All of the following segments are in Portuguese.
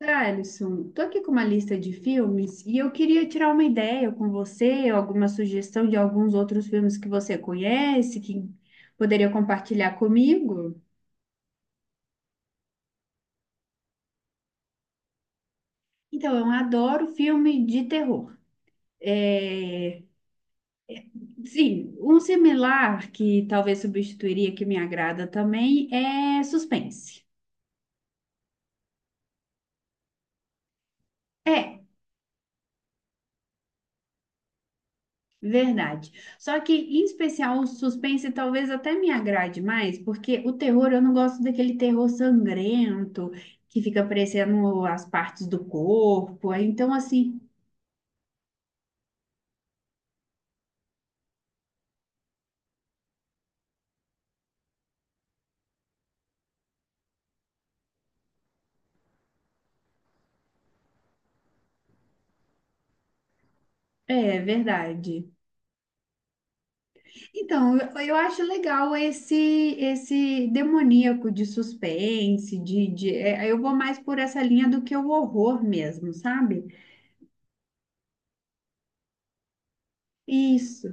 Ah, Alisson, tô aqui com uma lista de filmes e eu queria tirar uma ideia com você, alguma sugestão de alguns outros filmes que você conhece, que poderia compartilhar comigo. Então, eu adoro filme de terror. É, sim, um similar que talvez substituiria que me agrada também é suspense. É, verdade. Só que, em especial, o suspense talvez até me agrade mais, porque o terror, eu não gosto daquele terror sangrento que fica aparecendo as partes do corpo. Aí, então, assim, é verdade. Então, eu acho legal esse demoníaco de suspense, de, eu vou mais por essa linha do que o horror mesmo, sabe? Isso.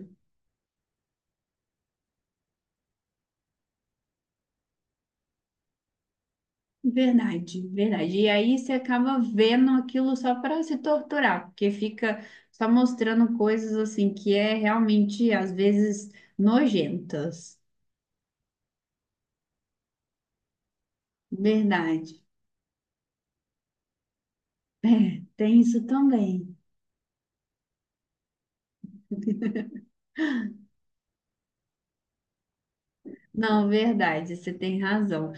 Verdade, verdade. E aí você acaba vendo aquilo só para se torturar, porque fica só mostrando coisas assim que é realmente às vezes nojentas. Verdade. É, tem isso também. Não, verdade, você tem razão.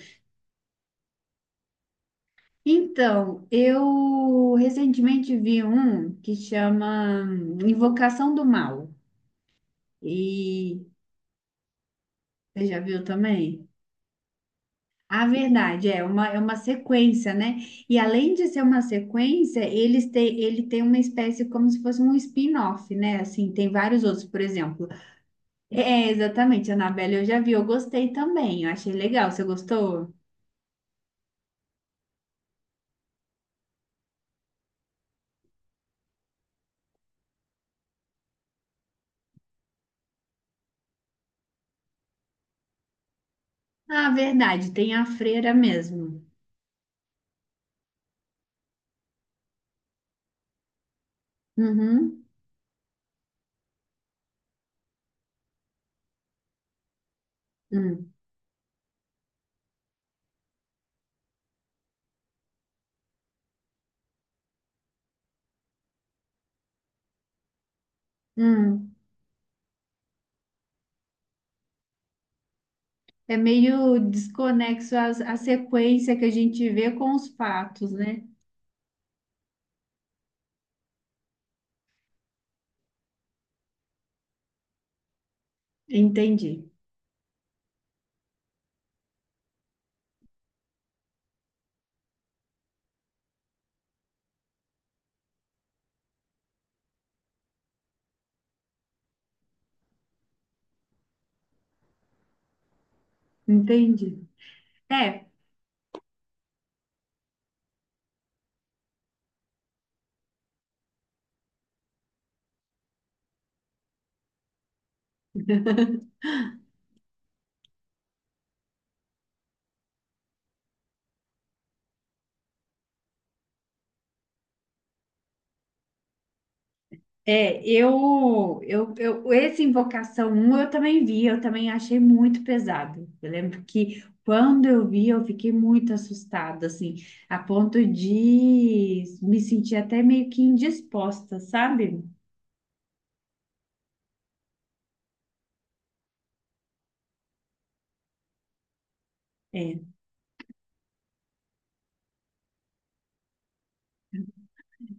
Então, eu recentemente vi um que chama Invocação do Mal. E você já viu também? A verdade é uma sequência, né? E além de ser uma sequência, eles têm, ele tem uma espécie como se fosse um spin-off, né? Assim, tem vários outros, por exemplo. É, é, exatamente, Annabelle eu já vi, eu gostei também, eu achei legal. Você gostou? Ah, verdade, tem a freira mesmo. Uhum, hum, hum. É meio desconexo a sequência que a gente vê com os fatos, né? Entendi, entendi. É, é, eu, esse Invocação 1 eu também vi, eu também achei muito pesado. Eu lembro que quando eu vi, eu fiquei muito assustada, assim, a ponto de me sentir até meio que indisposta, sabe? É,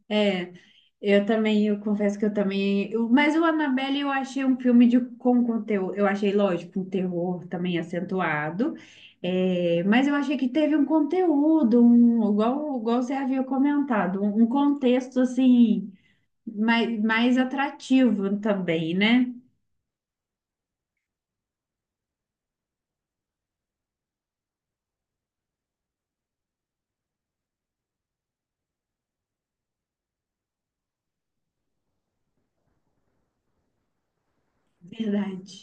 é. Eu também, eu confesso que eu também. Mas o Annabelle eu achei um filme de, com conteúdo. Eu achei, lógico, um terror também acentuado. É, mas eu achei que teve um conteúdo, um, igual, igual você havia comentado, um contexto assim mais, mais atrativo também, né? Verdade.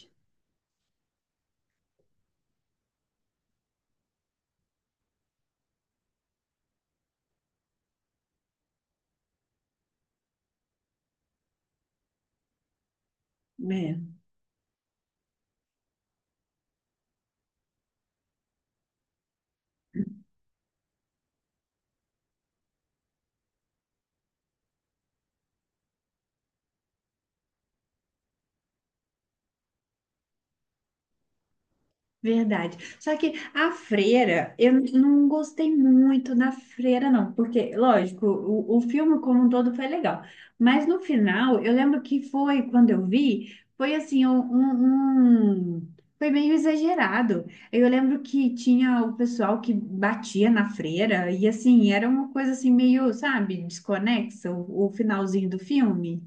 Verdade. Só que a freira, não gostei muito na freira, não, porque, lógico, o filme como um todo foi legal, mas no final, eu lembro que foi, quando eu vi, foi assim, um, foi meio exagerado. Eu lembro que tinha o pessoal que batia na freira, e assim, era uma coisa assim, meio, sabe, desconexa, o finalzinho do filme.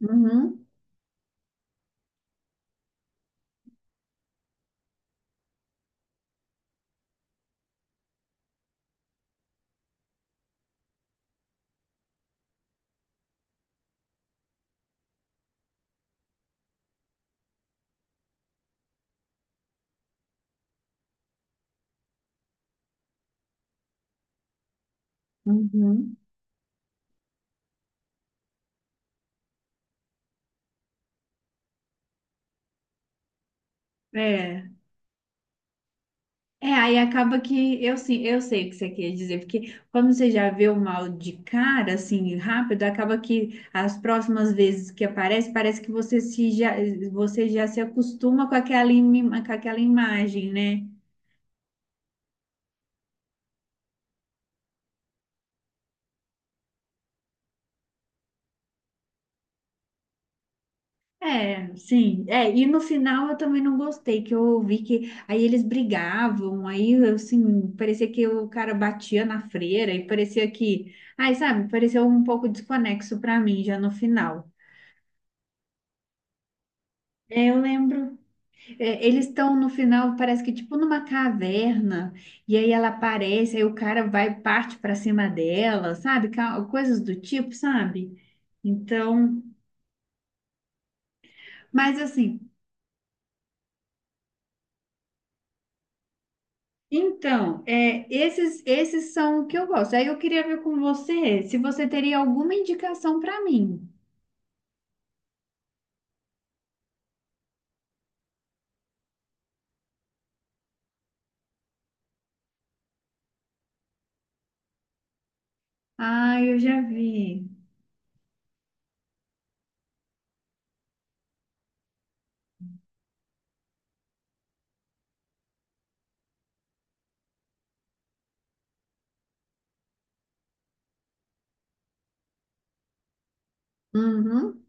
Uhum, uhum. É. É, aí acaba que eu sim, eu sei o que você quer dizer, porque como você já vê o mal de cara, assim, rápido, acaba que as próximas vezes que aparece, parece que você já se acostuma com aquela, com aquela imagem, né? É, sim. É, e no final eu também não gostei, que eu ouvi que aí eles brigavam, aí assim, parecia que o cara batia na freira e parecia que, ai, sabe, pareceu um pouco desconexo pra mim já no final. É, eu lembro, é, eles estão no final, parece que tipo numa caverna, e aí ela aparece, aí o cara vai, parte para cima dela, sabe? Coisas do tipo, sabe? Então, mas assim, então, é, esses são o que eu gosto. Aí eu queria ver com você se você teria alguma indicação para mim. Ah, eu já vi. Uhum.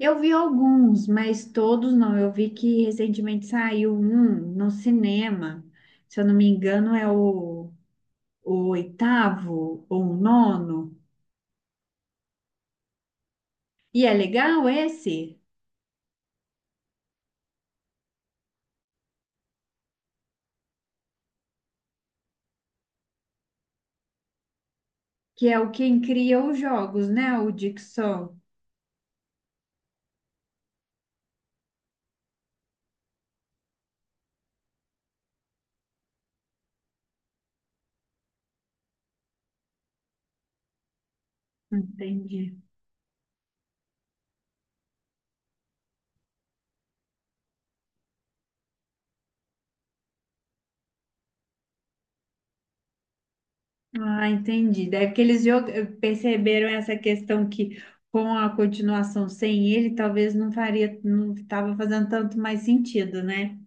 Eu vi alguns, mas todos não. Eu vi que recentemente saiu um no cinema. Se eu não me engano, é o oitavo ou o nono. E é legal esse, que é o quem cria os jogos, né? O Dixon. Entendi. Ah, entendi. Deve que perceberam essa questão que com a continuação sem ele, talvez não faria, não estava fazendo tanto mais sentido, né?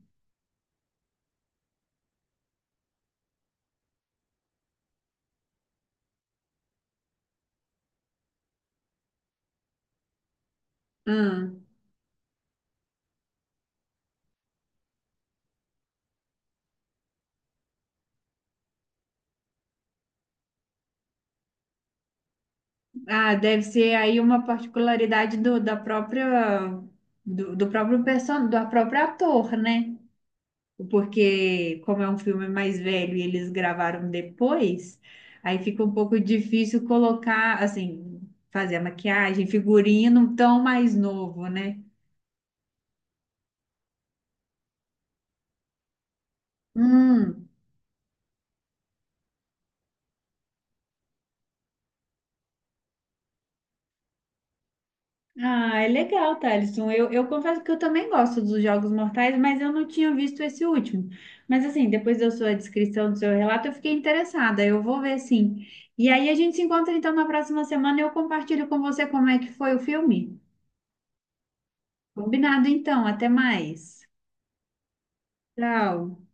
Hum. Ah, deve ser aí uma particularidade do, da própria, do próprio do próprio ator, né? Porque como é um filme mais velho e eles gravaram depois, aí fica um pouco difícil colocar, assim, fazer a maquiagem, figurino tão mais novo, né? Hum. Ah, é legal, Thalisson. Eu confesso que eu também gosto dos Jogos Mortais, mas eu não tinha visto esse último. Mas assim, depois da sua descrição, do seu relato, eu fiquei interessada. Eu vou ver sim. E aí a gente se encontra então na próxima semana e eu compartilho com você como é que foi o filme. Combinado então, até mais. Tchau.